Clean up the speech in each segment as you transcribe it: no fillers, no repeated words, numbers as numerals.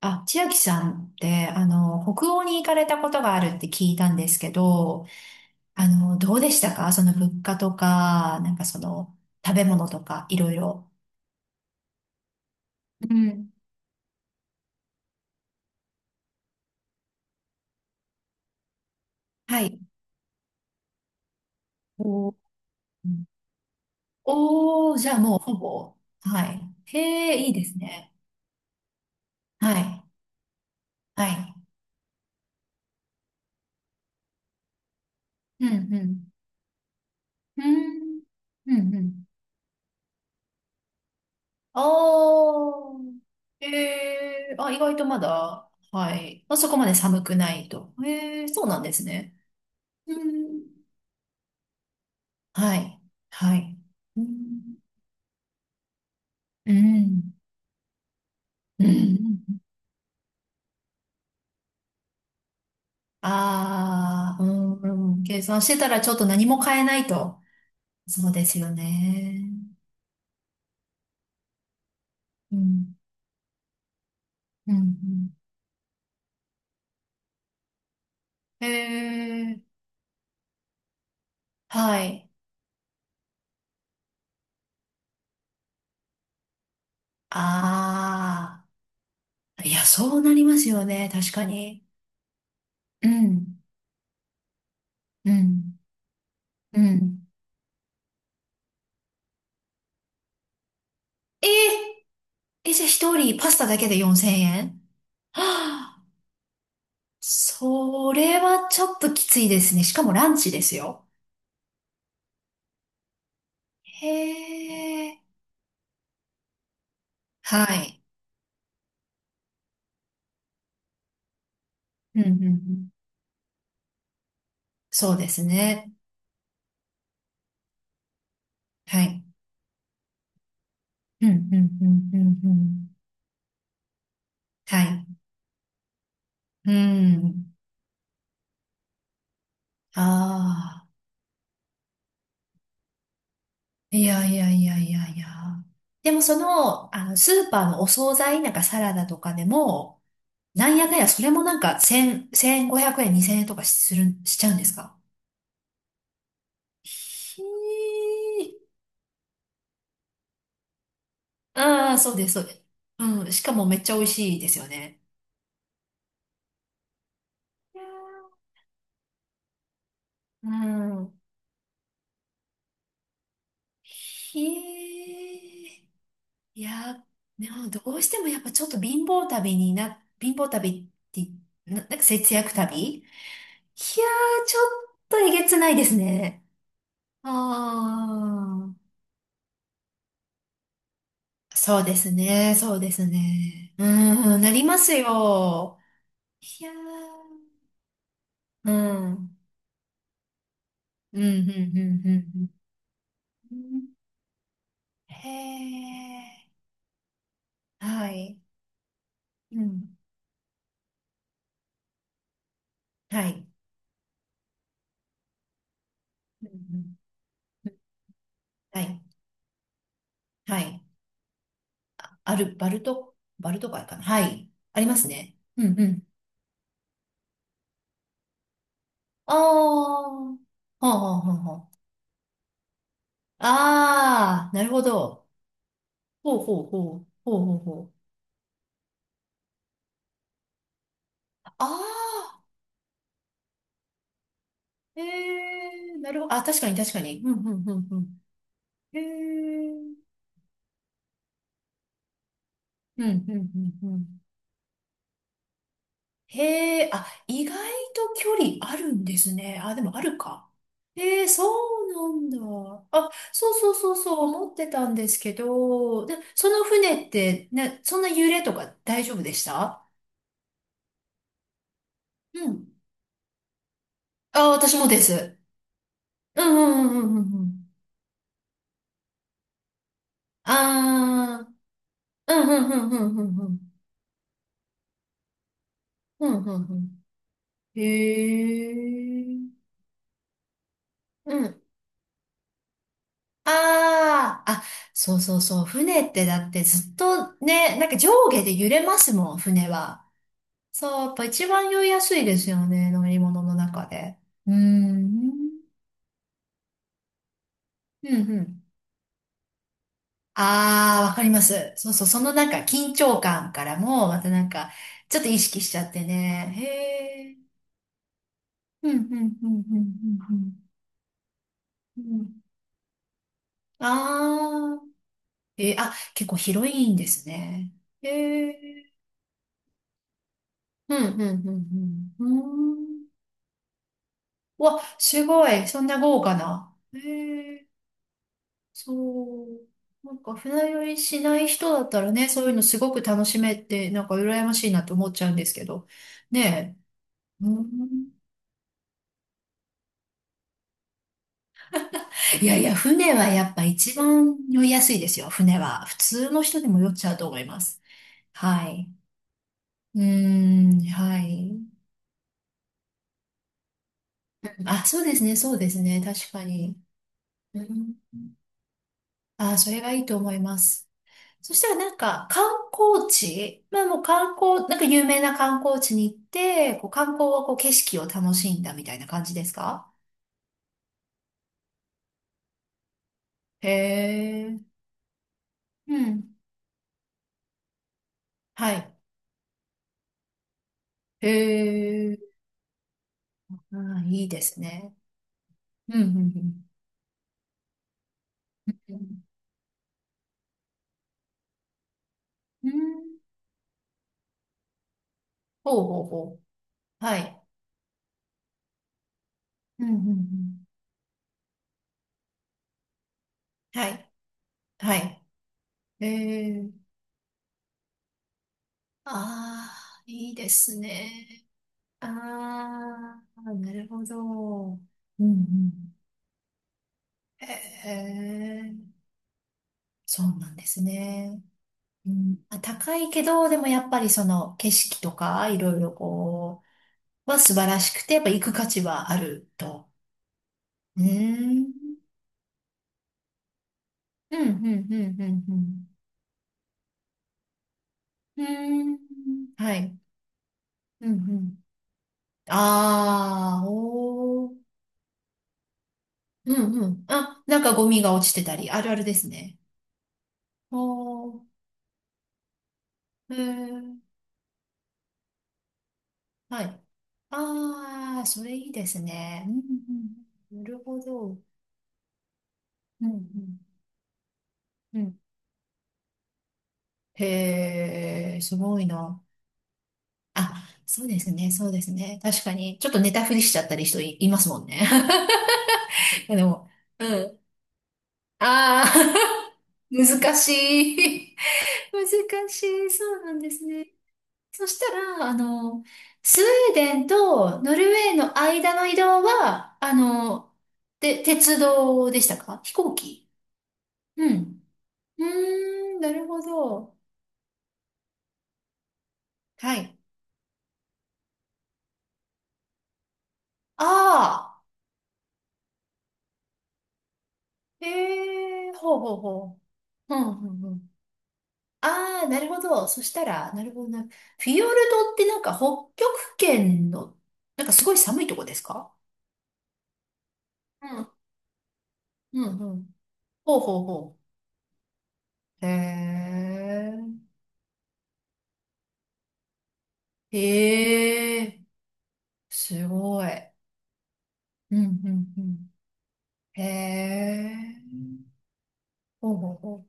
あ、千秋さんって、あの、北欧に行かれたことがあるって聞いたんですけど、あの、どうでしたか？その物価とか、なんかその、食べ物とか、いろいろ。うん。はい。おー、うん。おー、じゃあもうほぼ。はい。へえ、いいですね。はい。はい。うん、うん。うんうんうん。おー。へえ、あ、意外とまだ、はい。まあ、そこまで寒くないと。へえ、そうなんですね。うん。はい。はい。うん。うん。うん。ああ、うん。うん、計算してたらちょっと何も変えないと。そうですよね。うん。うん。うん。へえ。はい。ああ。いや、そうなりますよね。確かに。うん。うん。うん。えー、え、じゃあ一人パスタだけで4000円は？あ、それはちょっときついですね。しかもランチですよ。へえ。はい。うんうんうん。そうですね。はい。うんうんうんうんうん。はい。うん。ああ。いやいやいやいやいや。でもその、あの、スーパーのお惣菜、なんかサラダとかでも、なんやかんや、それもなんか1000、1500円、2000円とかする、しちゃうんですか？ひー。ああ、そうです、そうです。うん。しかもめっちゃ美味しいですよね。うん。へえ、いや、でもどうしてもやっぱちょっと貧乏旅って、なんか節約旅、いやー、ちょっとえげつないですね。ああ、そうですね、そうですね。うーん、なりますよ。いやー、うん、うん、うん、うん、うん。うん。へえ、はい、うん、はい、うん、うん、はい、はい。ある、バルト、バルト海かな。はい。ありますね。うんうん。ああ、はあはあはあはあ。ああ、なるほど。ほうほうほう。ほうほうほう。ああ、ええー、なるほど。あ、確かに確かに。うんうんうんうん。ええー。うんうんうんうん。へえ、あ、意外と距離あるんですね。あ、でもあるか。へえ、そうなんだ。あ、そうそうそうそう、思ってたんですけど、で、その船って、ね、そんな揺れとか大丈夫でした？うん。あ、私もです。うんうんうんうんうんうん。あー、うんうんうんうんうんうん。うんうんうん。へえ。うん。ああ、あ、そうそうそう。船ってだってずっとね、なんか上下で揺れますもん、船は。そう、やっぱ一番酔いやすいですよね、乗り物の中で。うーん。うんうん。ああ、わかります。そうそう、そのなんか緊張感からも、またなんか、ちょっと意識しちゃってね。へえ。うんうんうんうんうんうん。うん。ああ、えー、あ、結構広いんですね。へえ。うんうんうんうん。うーん。わ、すごい。そんな豪華な。へえ、そう。なんか船酔いしない人だったらね、そういうのすごく楽しめて、なんか羨ましいなと思っちゃうんですけど。ねえ。うん。いやいや、船はやっぱ一番酔いやすいですよ、船は。普通の人でも酔っちゃうと思います。はい。うーん、はい。あ、そうですね、そうですね、確かに。うん、あ、それがいいと思います。そしたらなんか観光地、まあもう観光、なんか有名な観光地に行って、こう観光はこう景色を楽しんだみたいな感じですか？へえ、うん、はい。へえ、ああ、いいですね。うん、うん、うん。うん、ほうほうほう。はい。うん、うん、うん。はい、はい。へえ、ああ、いいですね。ああ、なるほど。うん、うん。へえ。そうなんですね。うん、まあ、高いけど、でもやっぱりその景色とかいろいろは素晴らしくて、やっぱ行く価値はあると。うーん。うん、うん、うん、うん、うん。うーん。はい。うん、うん。ああ、おー。うん、うん。あ、なんかゴミが落ちてたり、あるあるですね。おー。えー、はい。ああ、それいいですね。うん、うん。なるほど。うん、うん。うん。へえ、すごいな。あ、そうですね、そうですね。確かに、ちょっと寝たふりしちゃったりいますもんね。でも、うん。ああ、難しい。難しい。そうなんですね。そしたら、あの、スウェーデンとノルウェーの間の移動は、あの、で、鉄道でしたか飛行機？うん。うーん、なるほど。はい。ああ、ええ、ほうほうほう。うんうんうん。ああ、なるほど。そしたら、なるほどな。フィヨルドってなんか北極圏の、なんかすごい寒いとこですか？うん、うん、うん。ほうほうほう。へえ。へえ。すごい。うん、うん、うん。へえ。ほうほうほ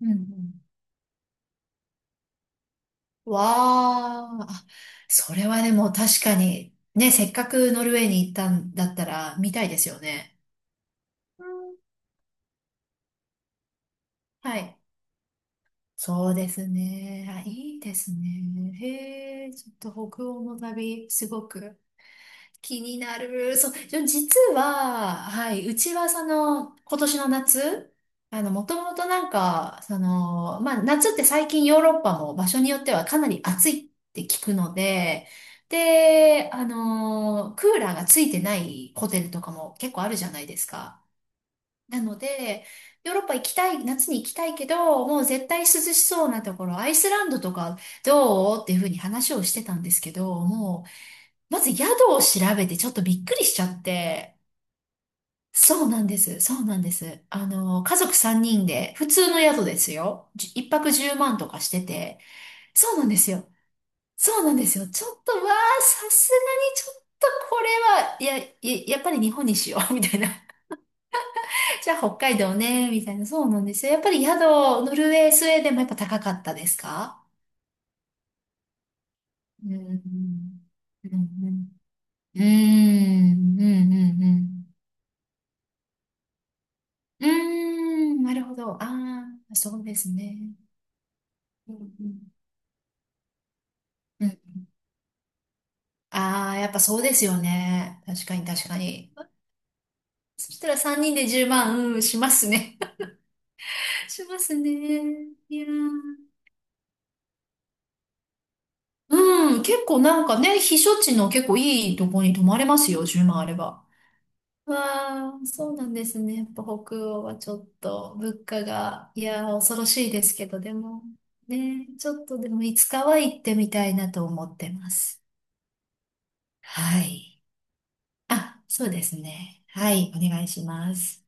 う。うん、うん。わーあ。それはでも確かに、ね、せっかくノルウェーに行ったんだったら見たいですよね。うん。はい。そうですね。あ、いいですね。へえ、ちょっと北欧の旅、すごく気になる。そう、じゃ実は、はい、うちはその、今年の夏、あの、もともとなんか、その、まあ、夏って最近ヨーロッパも場所によってはかなり暑いって聞くので、で、あの、クーラーがついてないホテルとかも結構あるじゃないですか。なので、ヨーロッパ行きたい、夏に行きたいけど、もう絶対涼しそうなところ、アイスランドとかどうっていうふうに話をしてたんですけど、もう、まず宿を調べてちょっとびっくりしちゃって、そうなんです、そうなんです。あの、家族3人で、普通の宿ですよ。1泊10万とかしてて、そうなんですよ。そうなんですよ。ちょっと、わあ、さすがにちょっとこれは、いや、いややっぱり日本にしよう、みたいな。じゃあ北海道ね、みたいな。そうなんですよ。やっぱり宿、ノルウェー、スウェーデンもやっぱ高かったですか？うん。うん。うん。うん。うん。うん。うんうん、なるほど。ああ、そうですね。うんうんうん。ああ、やっぱそうですよね。確かに確かに。そしたら3人で10万、うん、しますね。しますね。いやー、うん、結構なんかね、避暑地の結構いいとこに泊まれますよ、10万あれば。わあ、そうなんですね。やっぱ北欧はちょっと物価が、いやー、恐ろしいですけど、でも、ね、ちょっとでもいつかは行ってみたいなと思ってます。はい。あ、そうですね。はい、お願いします。